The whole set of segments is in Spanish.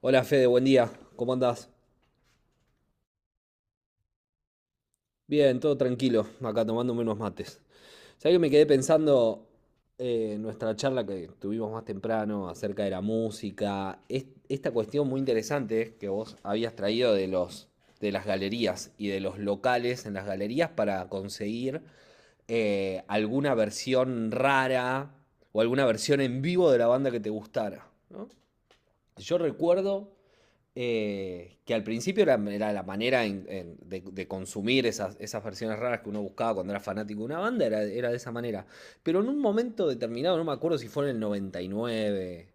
Hola Fede, buen día. ¿Cómo andás? Bien, todo tranquilo, acá tomándome unos mates. ¿Sabés que me quedé pensando en nuestra charla que tuvimos más temprano acerca de la música? Esta cuestión muy interesante que vos habías traído de las galerías y de los locales en las galerías para conseguir alguna versión rara o alguna versión en vivo de la banda que te gustara, ¿no? Yo recuerdo que al principio era la manera de consumir esas versiones raras que uno buscaba cuando era fanático de una banda, era de esa manera. Pero en un momento determinado, no me acuerdo si fue en el noventa y nueve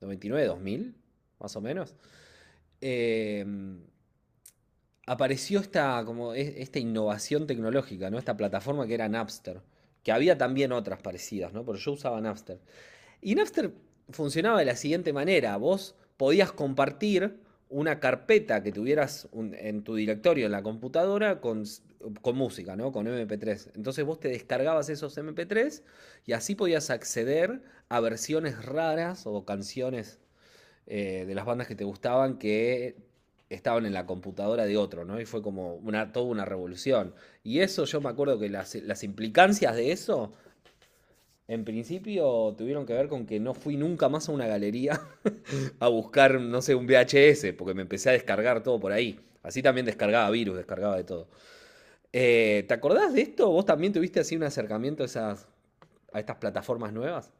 noventa y nueve dos mil más o menos, eh, apareció esta, como, esta innovación tecnológica, ¿no? Esta plataforma que era Napster, que había también otras parecidas, ¿no? Pero yo usaba Napster. Y Napster funcionaba de la siguiente manera. Vos podías compartir una carpeta que tuvieras en tu directorio en la computadora con música, ¿no? Con MP3. Entonces vos te descargabas esos MP3 y así podías acceder a versiones raras o canciones de las bandas que te gustaban que estaban en la computadora de otro, ¿no? Y fue como toda una revolución. Y eso yo me acuerdo que las implicancias de eso en principio tuvieron que ver con que no fui nunca más a una galería a buscar, no sé, un VHS, porque me empecé a descargar todo por ahí. Así también descargaba virus, descargaba de todo. ¿Te acordás de esto? ¿Vos también tuviste así un acercamiento a estas plataformas nuevas?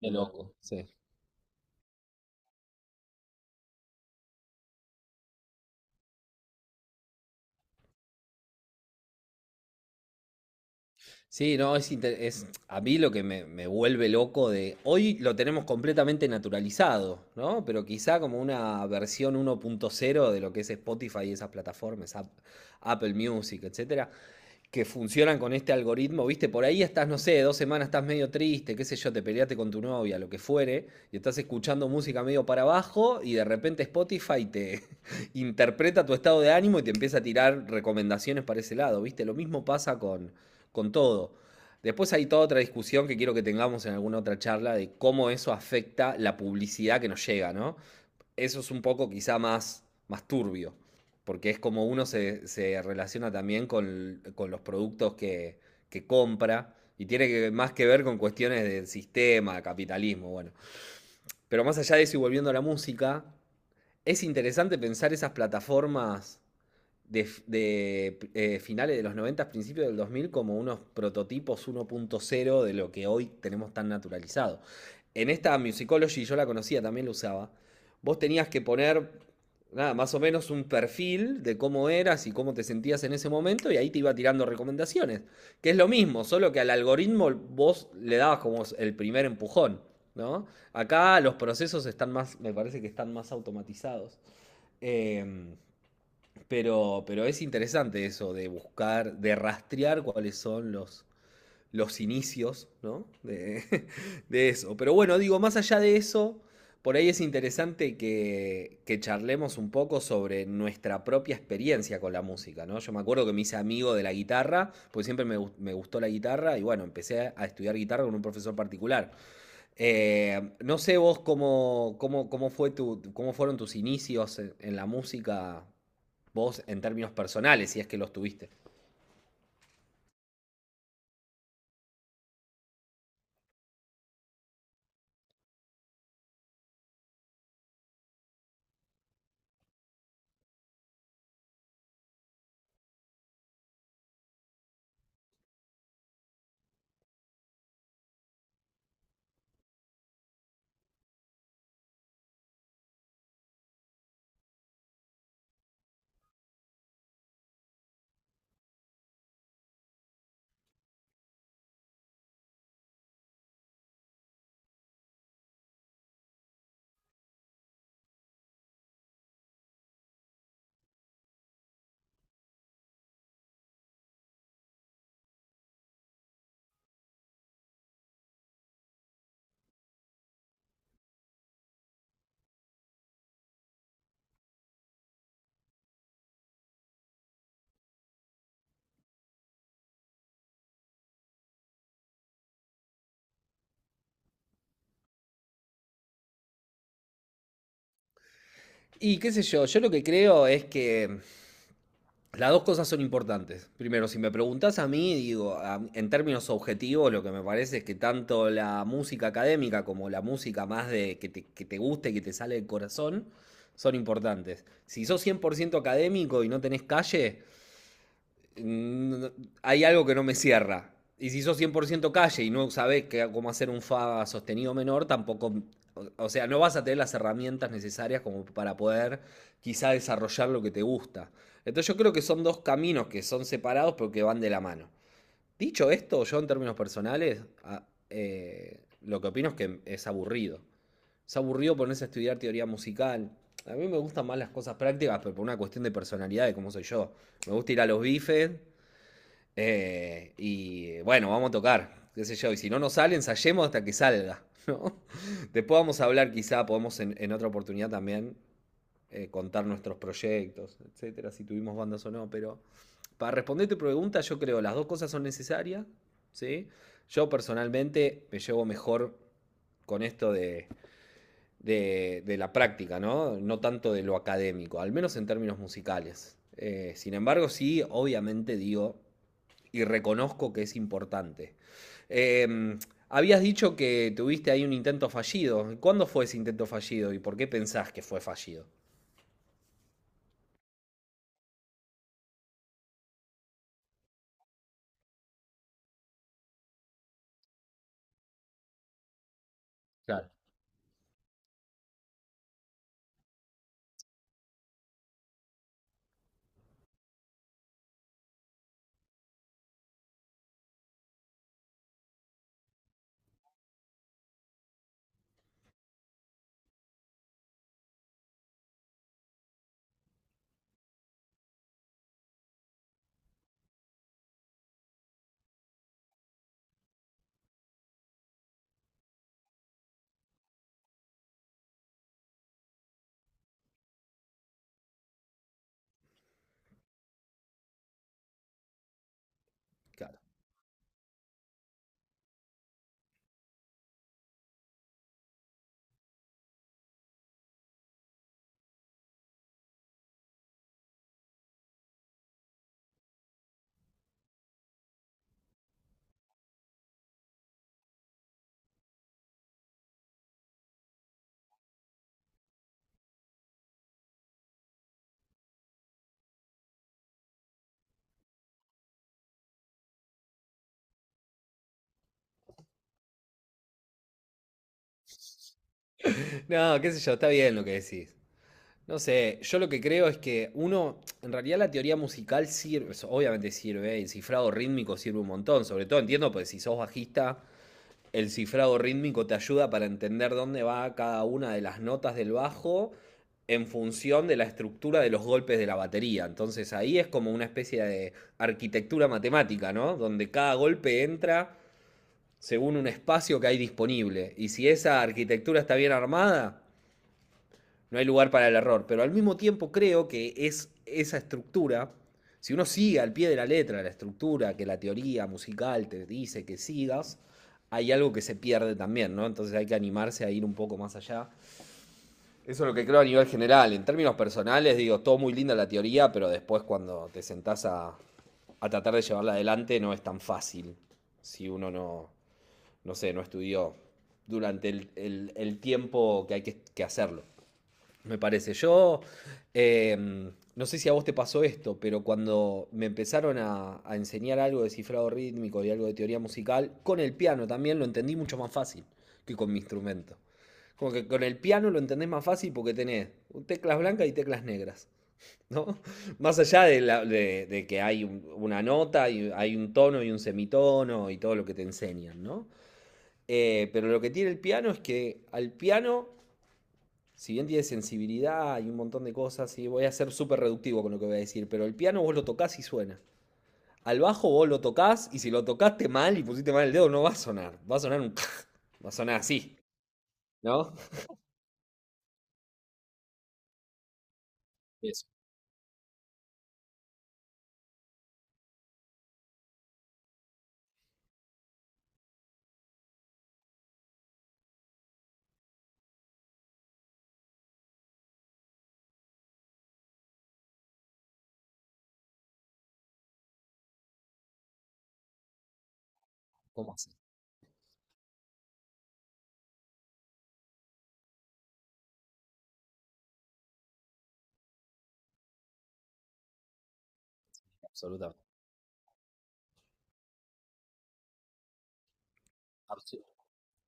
Qué loco, sí. Sí, no, es a mí lo que me vuelve loco de... Hoy lo tenemos completamente naturalizado, ¿no? Pero quizá como una versión 1.0 de lo que es Spotify y esas plataformas, Apple Music, etcétera, que funcionan con este algoritmo, viste, por ahí estás, no sé, 2 semanas estás medio triste, qué sé yo, te peleaste con tu novia, lo que fuere, y estás escuchando música medio para abajo y de repente Spotify te interpreta tu estado de ánimo y te empieza a tirar recomendaciones para ese lado, viste, lo mismo pasa con todo. Después hay toda otra discusión que quiero que tengamos en alguna otra charla de cómo eso afecta la publicidad que nos llega, ¿no? Eso es un poco quizá más turbio, porque es como uno se relaciona también con los productos que compra y tiene que, más que ver con cuestiones del sistema, de capitalismo, bueno. Pero más allá de eso y volviendo a la música, es interesante pensar esas plataformas finales de los 90 principios del 2000 como unos prototipos 1.0 de lo que hoy tenemos tan naturalizado. En esta Musicology, yo la conocía, también la usaba, vos tenías que poner nada, más o menos un perfil de cómo eras y cómo te sentías en ese momento y ahí te iba tirando recomendaciones, que es lo mismo, solo que al algoritmo vos le dabas como el primer empujón. ¿No? Acá los procesos están más, me parece que están más automatizados. Eh, pero es interesante eso de buscar, de rastrear cuáles son los inicios, ¿no? De, de eso. Pero bueno, digo, más allá de eso, por ahí es interesante que charlemos un poco sobre nuestra propia experiencia con la música, ¿no? Yo me acuerdo que me hice amigo de la guitarra, porque siempre me gustó la guitarra y bueno, empecé a estudiar guitarra con un profesor particular. No sé vos cómo fueron tus inicios en la música, vos en términos personales, si es que los tuviste. Y qué sé yo, yo lo que creo es que las dos cosas son importantes. Primero, si me preguntás a mí, digo, en términos objetivos, lo que me parece es que tanto la música académica como la música más de que que te guste, y que te sale del corazón, son importantes. Si sos 100% académico y no tenés calle, mm, hay algo que no me cierra. Y si sos 100% calle y no sabés cómo hacer un fa sostenido menor, tampoco, o sea, no vas a tener las herramientas necesarias como para poder quizá desarrollar lo que te gusta. Entonces yo creo que son dos caminos que son separados pero que van de la mano. Dicho esto, yo en términos personales, lo que opino es que es aburrido. Es aburrido ponerse a estudiar teoría musical. A mí me gustan más las cosas prácticas, pero por una cuestión de personalidad, de cómo soy yo. Me gusta ir a los bifes y bueno, vamos a tocar, qué sé yo. Y si no nos sale, ensayemos hasta que salga, ¿no? Después vamos a hablar, quizá podemos en otra oportunidad también contar nuestros proyectos, etcétera, si tuvimos bandas o no. Pero para responder tu pregunta, yo creo las dos cosas son necesarias, ¿sí? Yo personalmente me llevo mejor con esto de la práctica, ¿no? No tanto de lo académico, al menos en términos musicales. Sin embargo, sí, obviamente digo, y reconozco que es importante. Eh, habías dicho que tuviste ahí un intento fallido. ¿Cuándo fue ese intento fallido y por qué pensás que fue fallido? Claro. Claro. No, qué sé yo, está bien lo que decís. No sé, yo lo que creo es que uno, en realidad la teoría musical sirve, obviamente sirve, el cifrado rítmico sirve un montón, sobre todo entiendo, pues si sos bajista, el cifrado rítmico te ayuda para entender dónde va cada una de las notas del bajo en función de la estructura de los golpes de la batería. Entonces ahí es como una especie de arquitectura matemática, ¿no? Donde cada golpe entra según un espacio que hay disponible. Y si esa arquitectura está bien armada, no hay lugar para el error, pero al mismo tiempo creo que es esa estructura, si uno sigue al pie de la letra la estructura que la teoría musical te dice que sigas, hay algo que se pierde también, ¿no? Entonces hay que animarse a ir un poco más allá. Eso es lo que creo a nivel general. En términos personales, digo, todo muy linda la teoría, pero después cuando te sentás a tratar de llevarla adelante no es tan fácil si uno no, no sé, no estudió durante el tiempo que hay que hacerlo. Me parece. Yo no sé si a vos te pasó esto, pero cuando me empezaron a enseñar algo de cifrado rítmico y algo de teoría musical, con el piano también lo entendí mucho más fácil que con mi instrumento. Como que con el piano lo entendés más fácil porque tenés teclas blancas y teclas negras, ¿no? Más allá de, de que hay una nota, y hay un tono y un semitono y todo lo que te enseñan, ¿no? Pero lo que tiene el piano es que al piano si bien tiene sensibilidad y un montón de cosas, y voy a ser súper reductivo con lo que voy a decir, pero el piano vos lo tocas y suena. Al bajo vos lo tocas y si lo tocaste mal y pusiste mal el dedo, no va a sonar. Va a sonar un. Va a sonar así, ¿no? Eso, ¿cómo así? Absolutamente. Absu-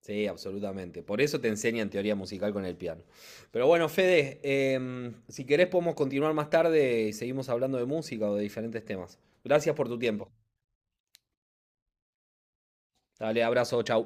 Sí, absolutamente. Por eso te enseñan teoría musical con el piano. Pero bueno, Fede, si querés podemos continuar más tarde y seguimos hablando de música o de diferentes temas. Gracias por tu tiempo. Dale, abrazo, chau.